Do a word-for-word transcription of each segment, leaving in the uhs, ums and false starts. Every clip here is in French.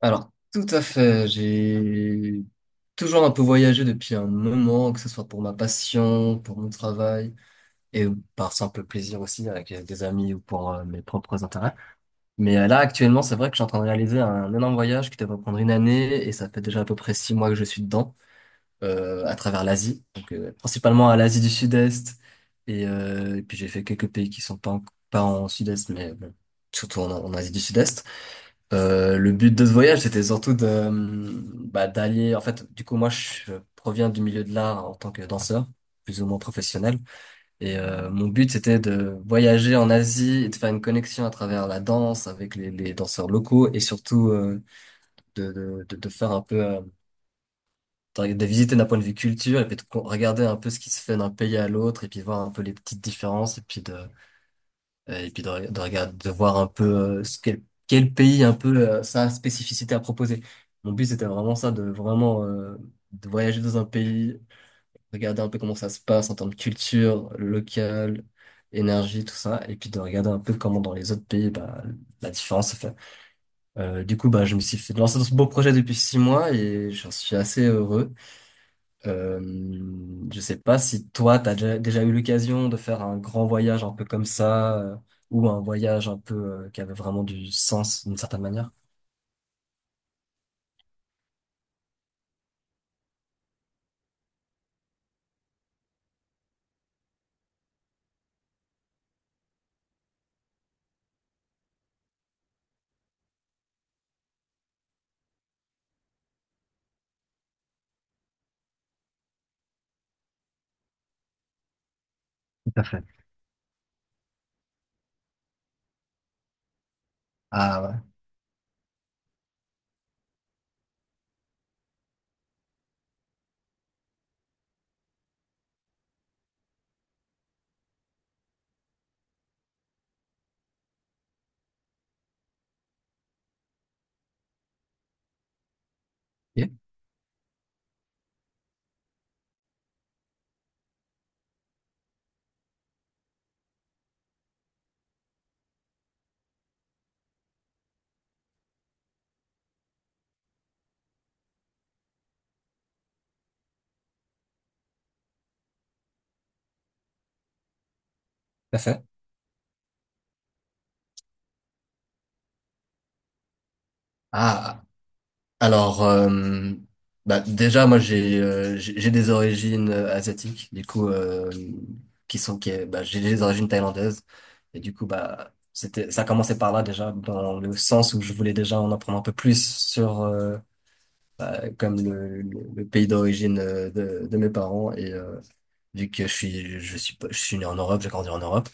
Alors, tout à fait. J'ai toujours un peu voyagé depuis un moment, que ce soit pour ma passion, pour mon travail, et par simple plaisir aussi avec euh, des amis ou pour euh, mes propres intérêts. Mais euh, là, actuellement, c'est vrai que je suis en train de réaliser un énorme voyage qui devrait prendre une année, et ça fait déjà à peu près six mois que je suis dedans, euh, à travers l'Asie, donc euh, principalement à l'Asie du Sud-Est, et, euh, et puis j'ai fait quelques pays qui sont pas en, pas en Sud-Est, mais bon, surtout en en Asie du Sud-Est. Euh, le but de ce voyage, c'était surtout de, euh, bah, d'aller. En fait, du coup, moi, je proviens du milieu de l'art en tant que danseur, plus ou moins professionnel. Et euh, mon but, c'était de voyager en Asie et de faire une connexion à travers la danse avec les, les danseurs locaux, et surtout euh, de, de, de, de faire un peu, euh, de de visiter d'un point de vue culture, et puis de co- regarder un peu ce qui se fait d'un pays à l'autre, et puis voir un peu les petites différences, et puis de euh, et puis de, re- de regarder, de voir un peu, euh, ce quel, quel pays, un peu euh, sa spécificité à proposer. Mon but, c'était vraiment ça, de vraiment, euh, de voyager dans un pays, regarder un peu comment ça se passe en termes de culture locale, énergie, tout ça, et puis de regarder un peu comment dans les autres pays, bah, la différence se fait. Euh, du coup, bah, je me suis fait lancer dans ce beau projet depuis six mois, et j'en suis assez heureux. Euh, je sais pas si toi, t'as déjà, déjà eu l'occasion de faire un grand voyage un peu comme ça, euh, ou un voyage un peu, euh, qui avait vraiment du sens d'une certaine manière. Tout à fait. Ah, ouais. Ok. T'as fait? Ah. Alors, euh, bah, déjà, moi, j'ai euh, j'ai j'ai des origines euh, asiatiques, du coup, euh, qui sont, qui, est- bah, j'ai des origines thaïlandaises. Et du coup, bah, c'était, ça commençait par là déjà, dans le sens où je voulais déjà en apprendre un peu plus sur euh, euh, comme le, le- le pays d'origine, euh, de, de mes parents. Et euh, vu que je suis, je suis, pas- je suis né en Europe, j'ai grandi en Europe,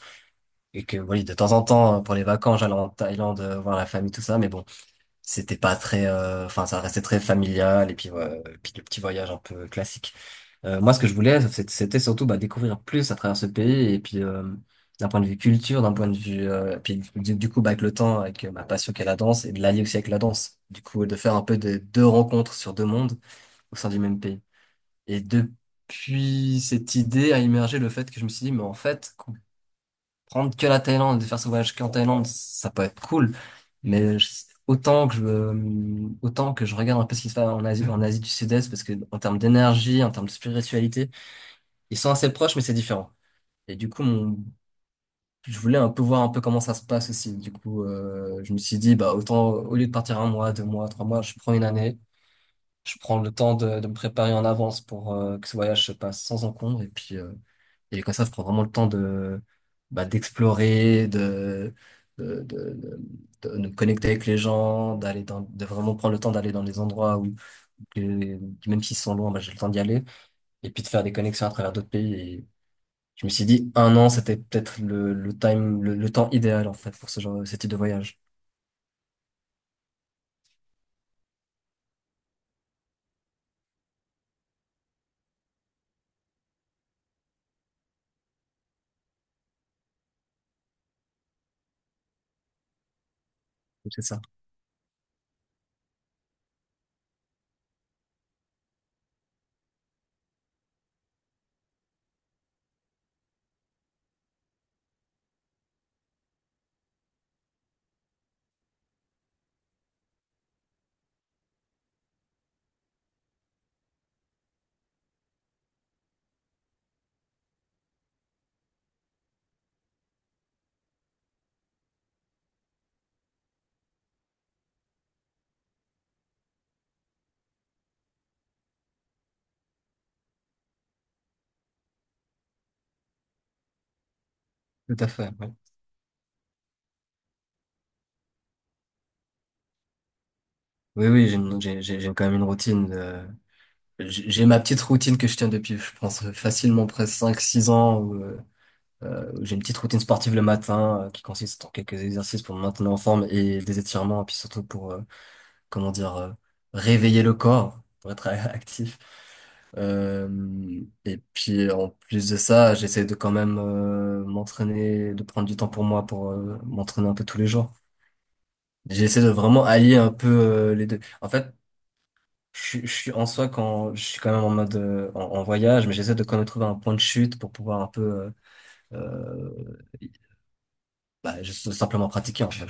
et que oui, de temps en temps, euh, pour les vacances, j'allais en Thaïlande euh, voir la famille, tout ça. Mais bon, c'était pas très, euh, enfin, ça restait très familial, et puis, ouais, et puis le petit voyage un peu classique. Euh, moi, ce que je voulais, c'est- c'était surtout, bah, découvrir plus à travers ce pays, et puis euh, d'un point de vue culture, d'un point de vue, euh, puis du, du coup, bah, avec le temps, avec euh, ma passion qui est la danse, et de l'allier aussi avec la danse, du coup, de faire un peu de deux rencontres sur deux mondes, au sein du même pays. Et depuis, cette idée a émergé, le fait que je me suis dit, mais en fait, qu'on- prendre que la Thaïlande et de faire ce voyage qu'en Thaïlande, ça peut être cool. Mais je- autant que je, me- autant que je regarde un peu ce qui se passe en Asie, en Asie du Sud-Est, parce que en termes d'énergie, en termes de spiritualité, ils sont assez proches, mais c'est différent. Et du coup, mon- je voulais un peu voir un peu comment ça se passe aussi. Du coup, euh, je me suis dit, bah, autant, au lieu de partir un mois, deux mois, trois mois, je prends une année. Je prends le temps de, de me préparer en avance pour euh, que ce voyage se passe sans encombre. Et puis, euh, et comme ça, je prends vraiment le temps de, bah, d'explorer, de, de, de, de, de me connecter avec les gens, d'aller dans, de vraiment prendre le temps d'aller dans des endroits où, que- même s'ils sont loin, bah, j'ai le temps d'y aller. Et puis de faire des connexions à travers d'autres pays. Et je me suis dit, un an, c'était peut-être le, le time, le, le temps idéal, en fait, pour ce genre, ce type de voyage. Donc, c'est ça. Tout à fait, ouais. Oui, oui, j'ai une- j'ai, j'ai j'ai quand même une routine. euh, J'ai j'ai ma petite routine que je tiens depuis, je pense, euh, facilement presque cinq six ans. Où, euh, euh, où j'ai une petite routine sportive le matin, euh, qui consiste en quelques exercices pour me maintenir en forme et des étirements, et puis surtout pour, euh, comment dire, euh, réveiller le corps, pour être actif. Euh, et puis en plus de ça, j'essaie de quand même, euh, m'entraîner, de prendre du temps pour moi pour euh, m'entraîner un peu tous les jours. J'essaie de vraiment allier un peu, euh, les deux. En fait, je, suis je suis en soi quand je suis quand même en mode, euh, en, en voyage, mais j'essaie de quand même trouver un point de chute pour pouvoir un peu, euh, euh, bah, juste simplement pratiquer en fait.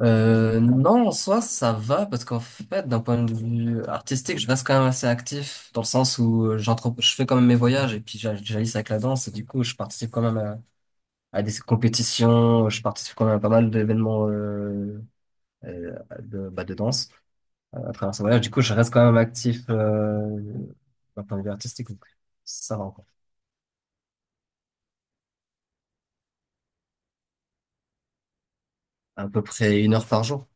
Euh, non, en soi ça va, parce qu'en fait d'un point de vue artistique, je reste quand même assez actif, dans le sens où euh, j'entre, je fais quand même mes voyages et puis j'a- j'alise avec la danse, et du coup je participe quand même à, à des compétitions, je participe quand même à pas mal d'événements, euh, euh, de, bah, de danse, à travers ce voyage. Du coup, je reste quand même actif, euh, d'un point de vue artistique. Donc ça va encore. À peu près une heure par jour.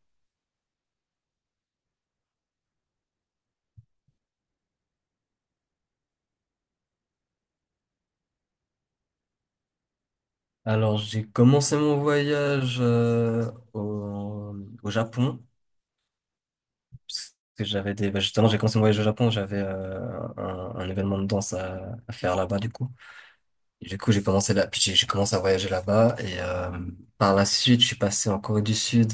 Alors, j'ai commencé mon voyage, euh, au, au Japon. Parce que j'avais des... bah, justement, j'ai commencé mon voyage au Japon. J'avais euh, un, un événement de danse à, à faire là-bas, du coup. Et du coup, j'ai commencé là... Puis j'ai j'ai commencé à voyager là-bas. Et euh, par la suite, je suis passé en Corée du Sud,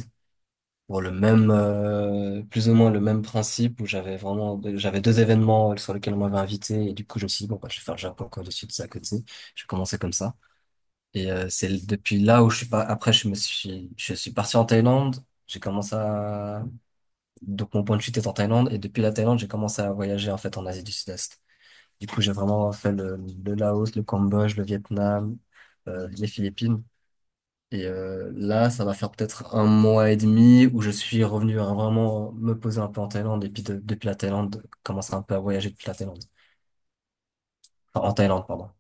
pour le même, euh, plus ou moins le même principe, où j'avais vraiment, j'avais deux événements, euh, sur lesquels on m'avait invité. Et du coup je me suis dit, bon bah je vais faire le Japon quand je suis à côté. J'ai commencé comme ça, et euh, c'est depuis là où je suis pas. Après je me suis, je suis parti en Thaïlande. J'ai commencé à Donc mon point de chute est en Thaïlande, et depuis la Thaïlande j'ai commencé à voyager en fait en Asie du Sud-Est. Du coup j'ai vraiment fait le, le Laos, le Cambodge, le Vietnam, euh, les Philippines. Et euh, là, ça va faire peut-être un mois et demi où je suis revenu à vraiment me poser un peu en Thaïlande. Et puis de- depuis la Thaïlande, commencer un peu à voyager depuis la Thaïlande. Enfin, en Thaïlande, pardon.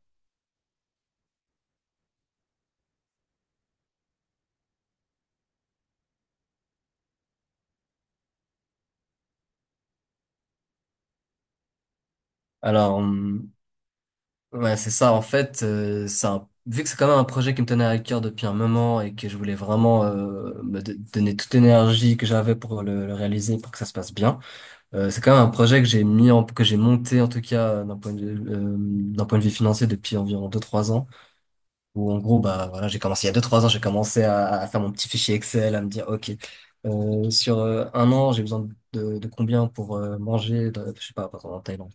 Alors, hum, ouais, c'est ça. En fait, euh, c'est un- vu que c'est quand même un projet qui me tenait à cœur depuis un moment, et que je voulais vraiment, euh, me do- donner toute l'énergie que j'avais pour le, le réaliser, pour que ça se passe bien. Euh, c'est quand même un projet que j'ai mis en, que j'ai monté en tout cas, euh, d'un point de vue, euh, d'un point de vue financier, depuis environ deux-trois ans. Où en gros, bah voilà, j'ai commencé il y a deux trois ans, j'ai commencé à, à faire mon petit fichier Excel, à me dire, OK, euh, sur euh, un an, j'ai besoin de, de combien pour euh, manger, de- je sais pas, par exemple, en Thaïlande.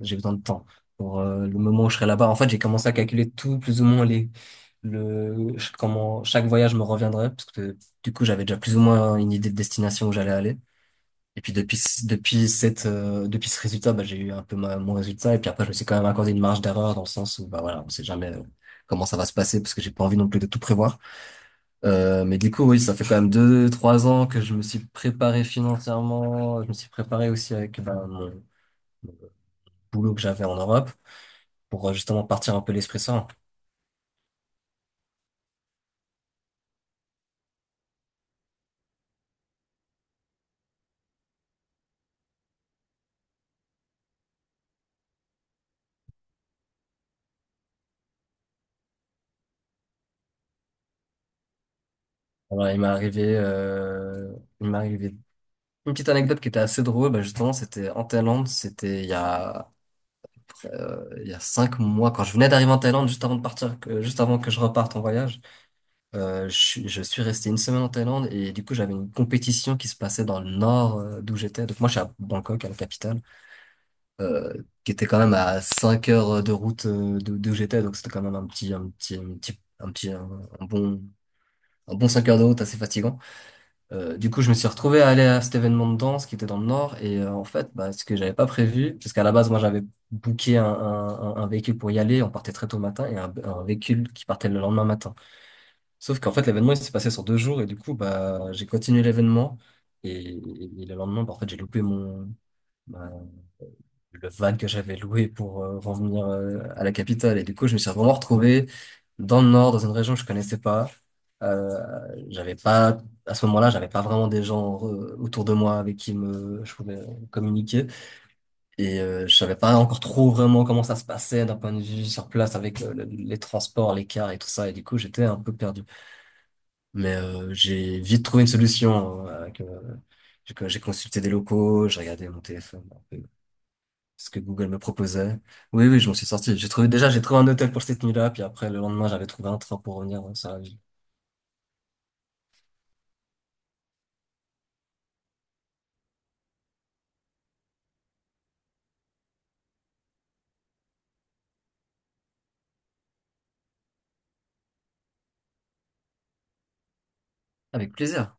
J'ai besoin de temps pour euh, le moment où je serai là-bas. En fait, j'ai commencé à calculer tout, plus ou moins les, le, ch- comment chaque voyage me reviendrait, parce que du coup, j'avais déjà plus ou moins une idée de destination où j'allais aller. Et puis depuis, ce- depuis cette, euh, depuis ce résultat, bah, j'ai eu un peu ma- mon résultat. Et puis après, je me suis quand même accordé une marge d'erreur, dans le sens où, bah voilà, on sait jamais, euh, comment ça va se passer, parce que j'ai pas envie non plus de tout prévoir. Euh, mais du coup, oui, ça fait quand même deux, trois ans que je me suis préparé financièrement. Je me suis préparé aussi avec, bah, mon boulot que j'avais en Europe, pour euh, justement partir un peu l'esprit sain. Alors, il m'est arrivé, euh, il m'est arrivé une petite anecdote qui était assez drôle. Bah, justement, c'était en Thaïlande. C'était il y a il y a cinq mois, quand je venais d'arriver en Thaïlande, juste avant de partir, que- juste avant que je reparte en voyage. Euh, je, suis je suis resté une semaine en Thaïlande, et du coup j'avais une compétition qui se passait dans le nord, euh, d'où j'étais. Donc moi je suis à Bangkok, à la capitale, euh, qui était quand même à cinq heures de route, euh, d'où d'où j'étais. Donc c'était quand même un petit, un petit, un petit, un petit, un, un bon, un bon cinq heures de route, assez fatigant. Euh, du coup, je me suis retrouvé à aller à cet événement de danse qui était dans le Nord. Et euh, en fait, bah, ce que j'avais pas prévu, parce qu'à la base, moi, j'avais booké un, un, un un véhicule pour y aller. On partait très tôt le matin, et un, un véhicule qui partait le lendemain matin. Sauf qu'en fait, l'événement, il s'est passé sur deux jours. Et du coup, bah, j'ai continué l'événement. Et, et- et le lendemain, bah, en fait, j'ai loupé mon, le van que j'avais loué pour euh, revenir, euh, à la capitale. Et du coup, je me suis vraiment retrouvé dans le nord, dans une région que je connaissais pas. Euh, J'avais pas, à ce moment-là, j'avais pas vraiment des gens, euh, autour de moi, avec qui me, je pouvais communiquer. Et euh, je savais pas encore trop vraiment comment ça se passait d'un point de vue sur place avec le- le- les transports, les cars et tout ça. Et du coup, j'étais un peu perdu. Mais euh, j'ai vite trouvé une solution, euh, avec, euh, j'ai j'ai consulté des locaux, j'ai regardé mon téléphone, ce que Google me proposait. Oui, oui, je m'en suis sorti. J'ai trouvé, déjà, j'ai trouvé un hôtel pour cette nuit-là, puis après, le lendemain, j'avais trouvé un train pour revenir. Ouais, ça, j-. Avec plaisir.